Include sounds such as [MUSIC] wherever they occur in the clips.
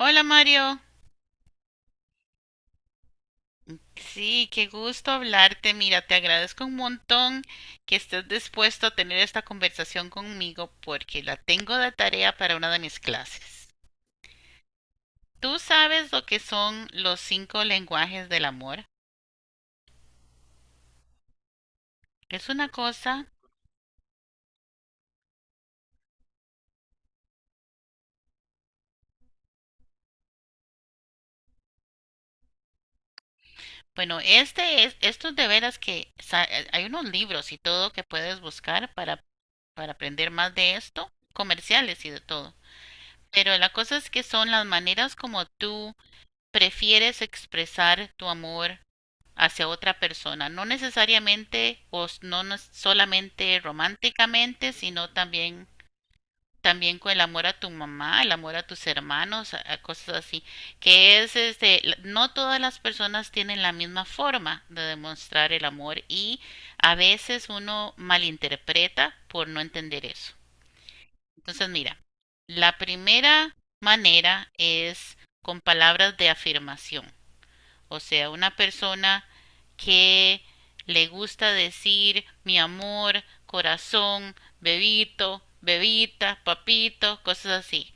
Hola Mario, sí, qué gusto hablarte. Mira, te agradezco un montón que estés dispuesto a tener esta conversación conmigo porque la tengo de tarea para una de mis clases. ¿Tú sabes lo que son los cinco lenguajes del amor? Es una cosa, bueno, estos de veras que sa- hay unos libros y todo que puedes buscar para aprender más de esto, comerciales y de todo. Pero la cosa es que son las maneras como tú prefieres expresar tu amor hacia otra persona, no necesariamente no solamente románticamente, sino también con el amor a tu mamá, el amor a tus hermanos, a cosas así, que es no todas las personas tienen la misma forma de demostrar el amor y a veces uno malinterpreta por no entender eso. Entonces, mira, la primera manera es con palabras de afirmación. O sea, una persona que le gusta decir mi amor, corazón, bebito, bebita, papito, cosas así.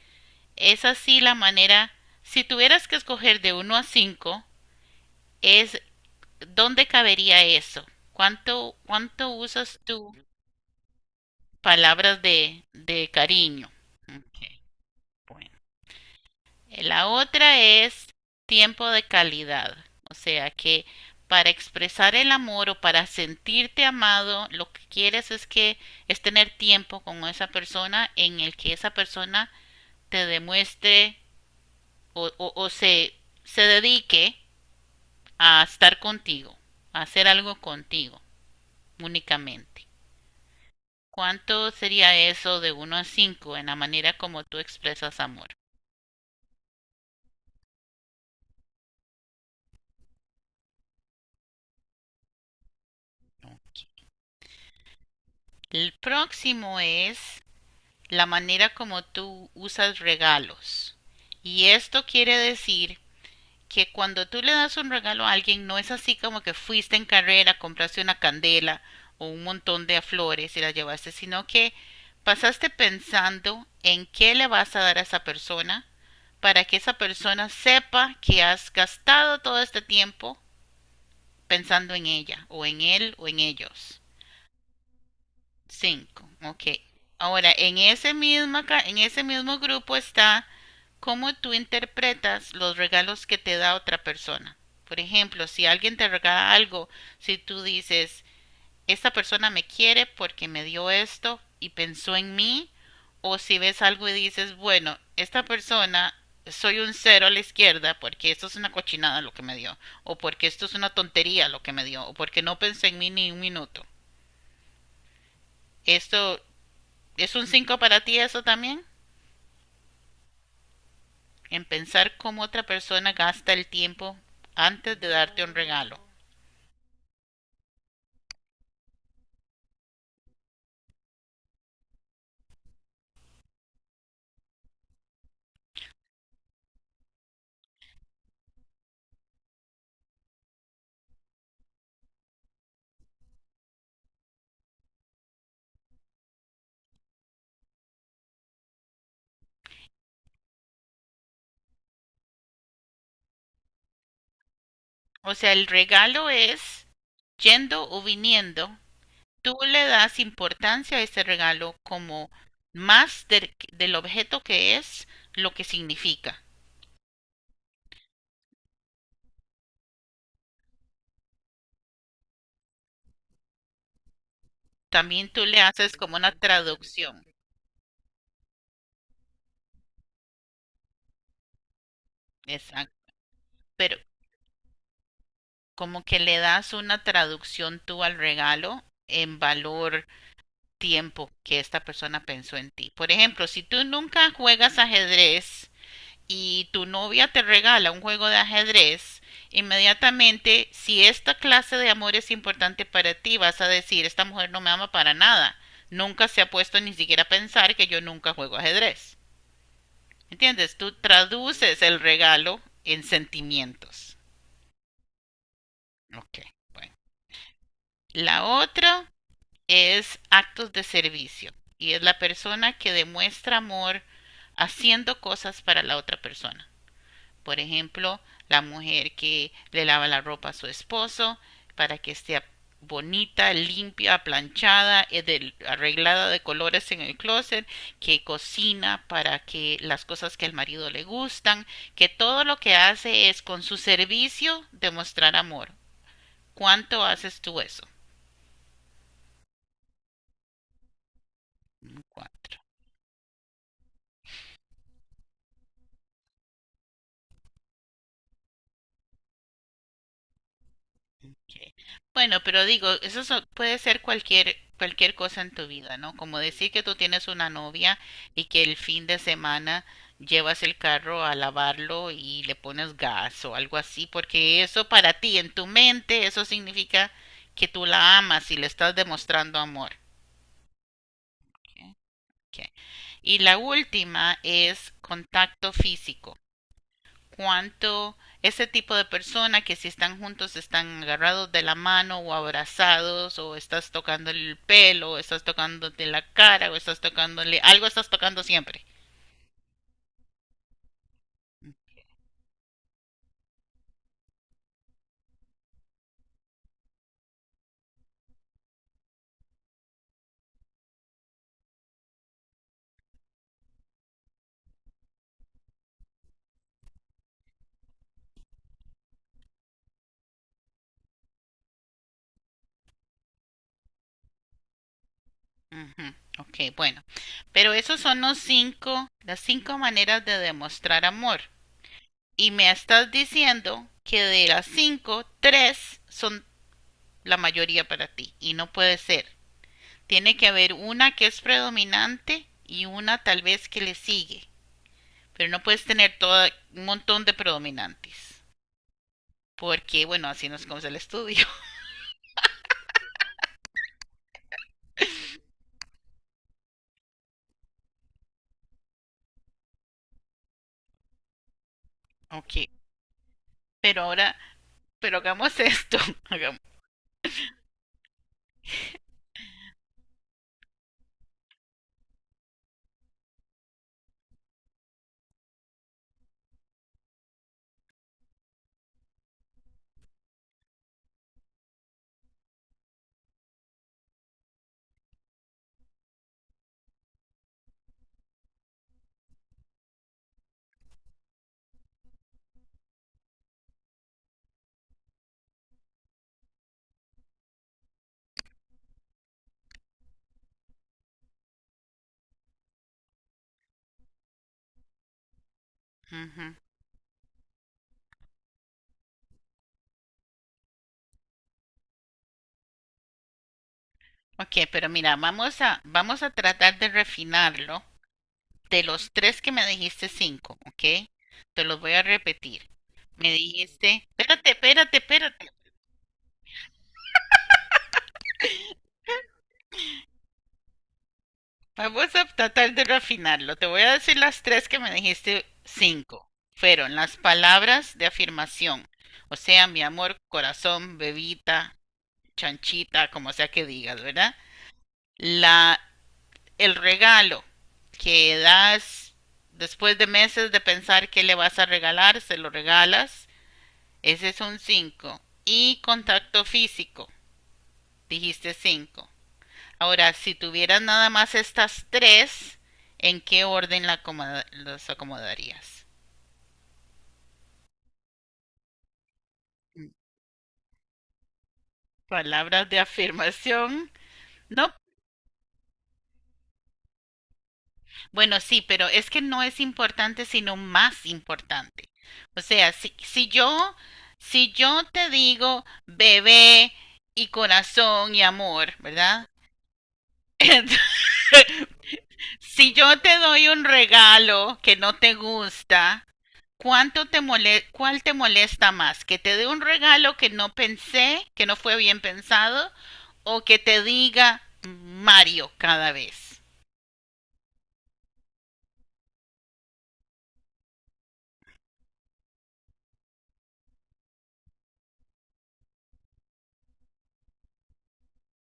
Es así la manera. Si tuvieras que escoger de uno a cinco, es dónde cabería eso. ¿Cuánto usas tú palabras de cariño? Ok, bueno. La otra es tiempo de calidad, o sea que para expresar el amor o para sentirte amado, lo que quieres es que es tener tiempo con esa persona en el que esa persona te demuestre o, o, o se, se dedique a estar contigo, a hacer algo contigo únicamente. ¿Cuánto sería eso de uno a 5 en la manera como tú expresas amor? El próximo es la manera como tú usas regalos. Y esto quiere decir que cuando tú le das un regalo a alguien, no es así como que fuiste en carrera, compraste una candela o un montón de flores y las llevaste, sino que pasaste pensando en qué le vas a dar a esa persona para que esa persona sepa que has gastado todo este tiempo pensando en ella o en él o en ellos. Cinco, ok. Ahora, en ese mismo grupo está cómo tú interpretas los regalos que te da otra persona. Por ejemplo, si alguien te regala algo, si tú dices, esta persona me quiere porque me dio esto y pensó en mí, o si ves algo y dices, bueno, esta persona, soy un cero a la izquierda porque esto es una cochinada lo que me dio, o porque esto es una tontería lo que me dio, o porque no pensé en mí ni un minuto. Esto, ¿es un 5 para ti eso también? En pensar cómo otra persona gasta el tiempo antes de darte un regalo. O sea, el regalo es yendo o viniendo. Tú le das importancia a ese regalo como más del objeto que es lo que significa. También tú le haces como una traducción. Exacto. Pero como que le das una traducción tú al regalo en valor tiempo que esta persona pensó en ti. Por ejemplo, si tú nunca juegas ajedrez y tu novia te regala un juego de ajedrez, inmediatamente, si esta clase de amor es importante para ti, vas a decir, esta mujer no me ama para nada. Nunca se ha puesto ni siquiera a pensar que yo nunca juego ajedrez. ¿Entiendes? Tú traduces el regalo en sentimientos. Ok, bueno. La otra es actos de servicio y es la persona que demuestra amor haciendo cosas para la otra persona. Por ejemplo, la mujer que le lava la ropa a su esposo para que esté bonita, limpia, planchada, arreglada de colores en el closet, que cocina para que las cosas que al marido le gustan, que todo lo que hace es con su servicio demostrar amor. ¿Cuánto haces tú eso? Cuatro. Sí. Bueno, pero digo, eso so- puede ser cualquier cosa en tu vida, ¿no? Como decir que tú tienes una novia y que el fin de semana llevas el carro a lavarlo y le pones gas o algo así, porque eso para ti, en tu mente, eso significa que tú la amas y le estás demostrando amor. Ok, ok. Y la última es contacto físico. Cuánto ese tipo de persona que si están juntos están agarrados de la mano o abrazados o estás tocando el pelo o estás tocándote la cara o estás tocándole algo, estás tocando siempre. Ujú, ok, bueno. Pero esos son los cinco, las cinco maneras de demostrar amor. Y me estás diciendo que de las cinco, tres son la mayoría para ti y no puede ser. Tiene que haber una que es predominante y una tal vez que le sigue. Pero no puedes tener todo un montón de predominantes. Porque, bueno, así nos comes el estudio. [LAUGHS] Ok. Pero ahora, pero hagamos esto. [LAUGHS] Hagamos. Ujú. Ok, pero mira, vamos a tratar de refinarlo. De los tres que me dijiste, cinco, ¿ok? Te los voy a repetir. Me dijiste, espérate, espérate, espérate. Vamos a tratar de refinarlo. Te voy a decir las tres que me dijiste cinco. Fueron las palabras de afirmación. O sea, mi amor, corazón, bebita, chanchita, como sea que digas, ¿verdad? La, el regalo que das después de meses de pensar qué le vas a regalar, se lo regalas. Ese es un cinco. Y contacto físico, dijiste 5. Ahora, si tuvieras nada más estas tres, ¿en qué orden la acomoda- los acomodarías? Palabras de afirmación. No, bueno, sí, pero es que no es importante, sino más importante. O sea, si yo te digo bebé y corazón y amor, ¿verdad? [LAUGHS] Entonces, si yo te doy un regalo que no te gusta, ¿cuánto te mole-? ¿Cuál te molesta más? ¿Que te dé un regalo que no pensé, que no fue bien pensado, o que te diga Mario cada vez?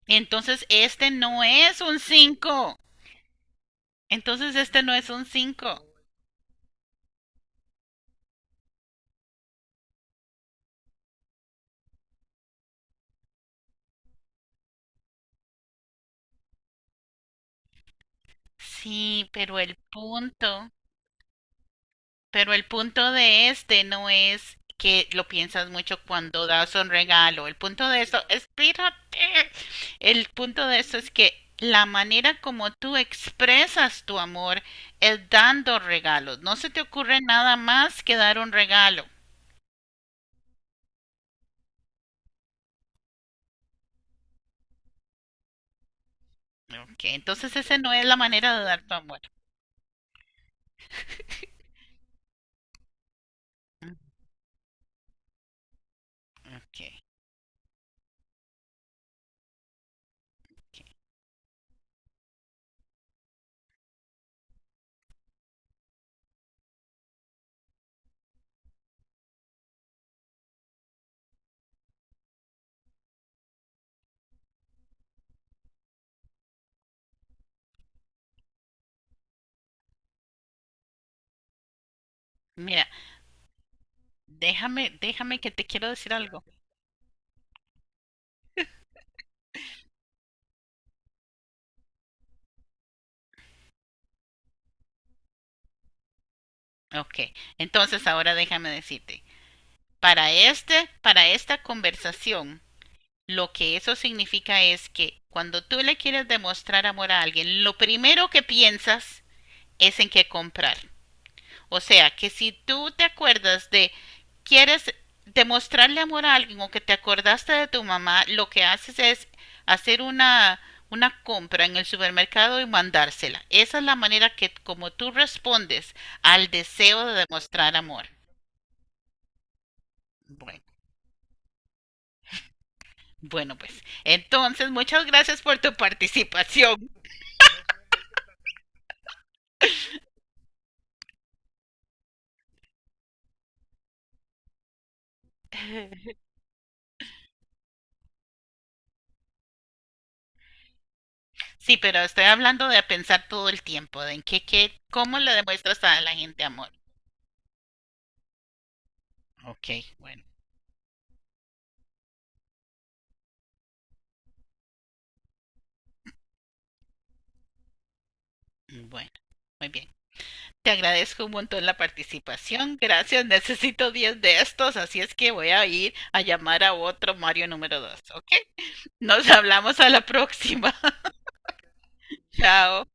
Entonces, este no es un 5. Entonces, este no es un cinco. Sí, pero el punto. Pero el punto de este no es que lo piensas mucho cuando das un regalo. El punto de esto, espírate. El punto de esto es que la manera como tú expresas tu amor es dando regalos. No se te ocurre nada más que dar un regalo. Ok, entonces esa no es la manera de dar tu amor. Ok. Mira, déjame que te quiero decir algo. Ok, entonces ahora déjame decirte. Para este, para esta conversación, lo que eso significa es que cuando tú le quieres demostrar amor a alguien, lo primero que piensas es en qué comprar. O sea, que si tú te acuerdas de quieres demostrarle amor a alguien o que te acordaste de tu mamá, lo que haces es hacer una compra en el supermercado y mandársela. Esa es la manera que como tú respondes al deseo de demostrar amor. Bueno, bueno, pues entonces muchas gracias por tu participación. Sí, pero estoy hablando de pensar todo el tiempo, de en cómo le demuestras a la gente amor. Ok, bueno, bueno, muy bien. Te agradezco un montón la participación. Gracias, [LAUGHS] necesito 10 de estos, así es que voy a ir a llamar a otro Mario número 2. ¿Ok? Nos hablamos a la próxima. [LAUGHS] Chao.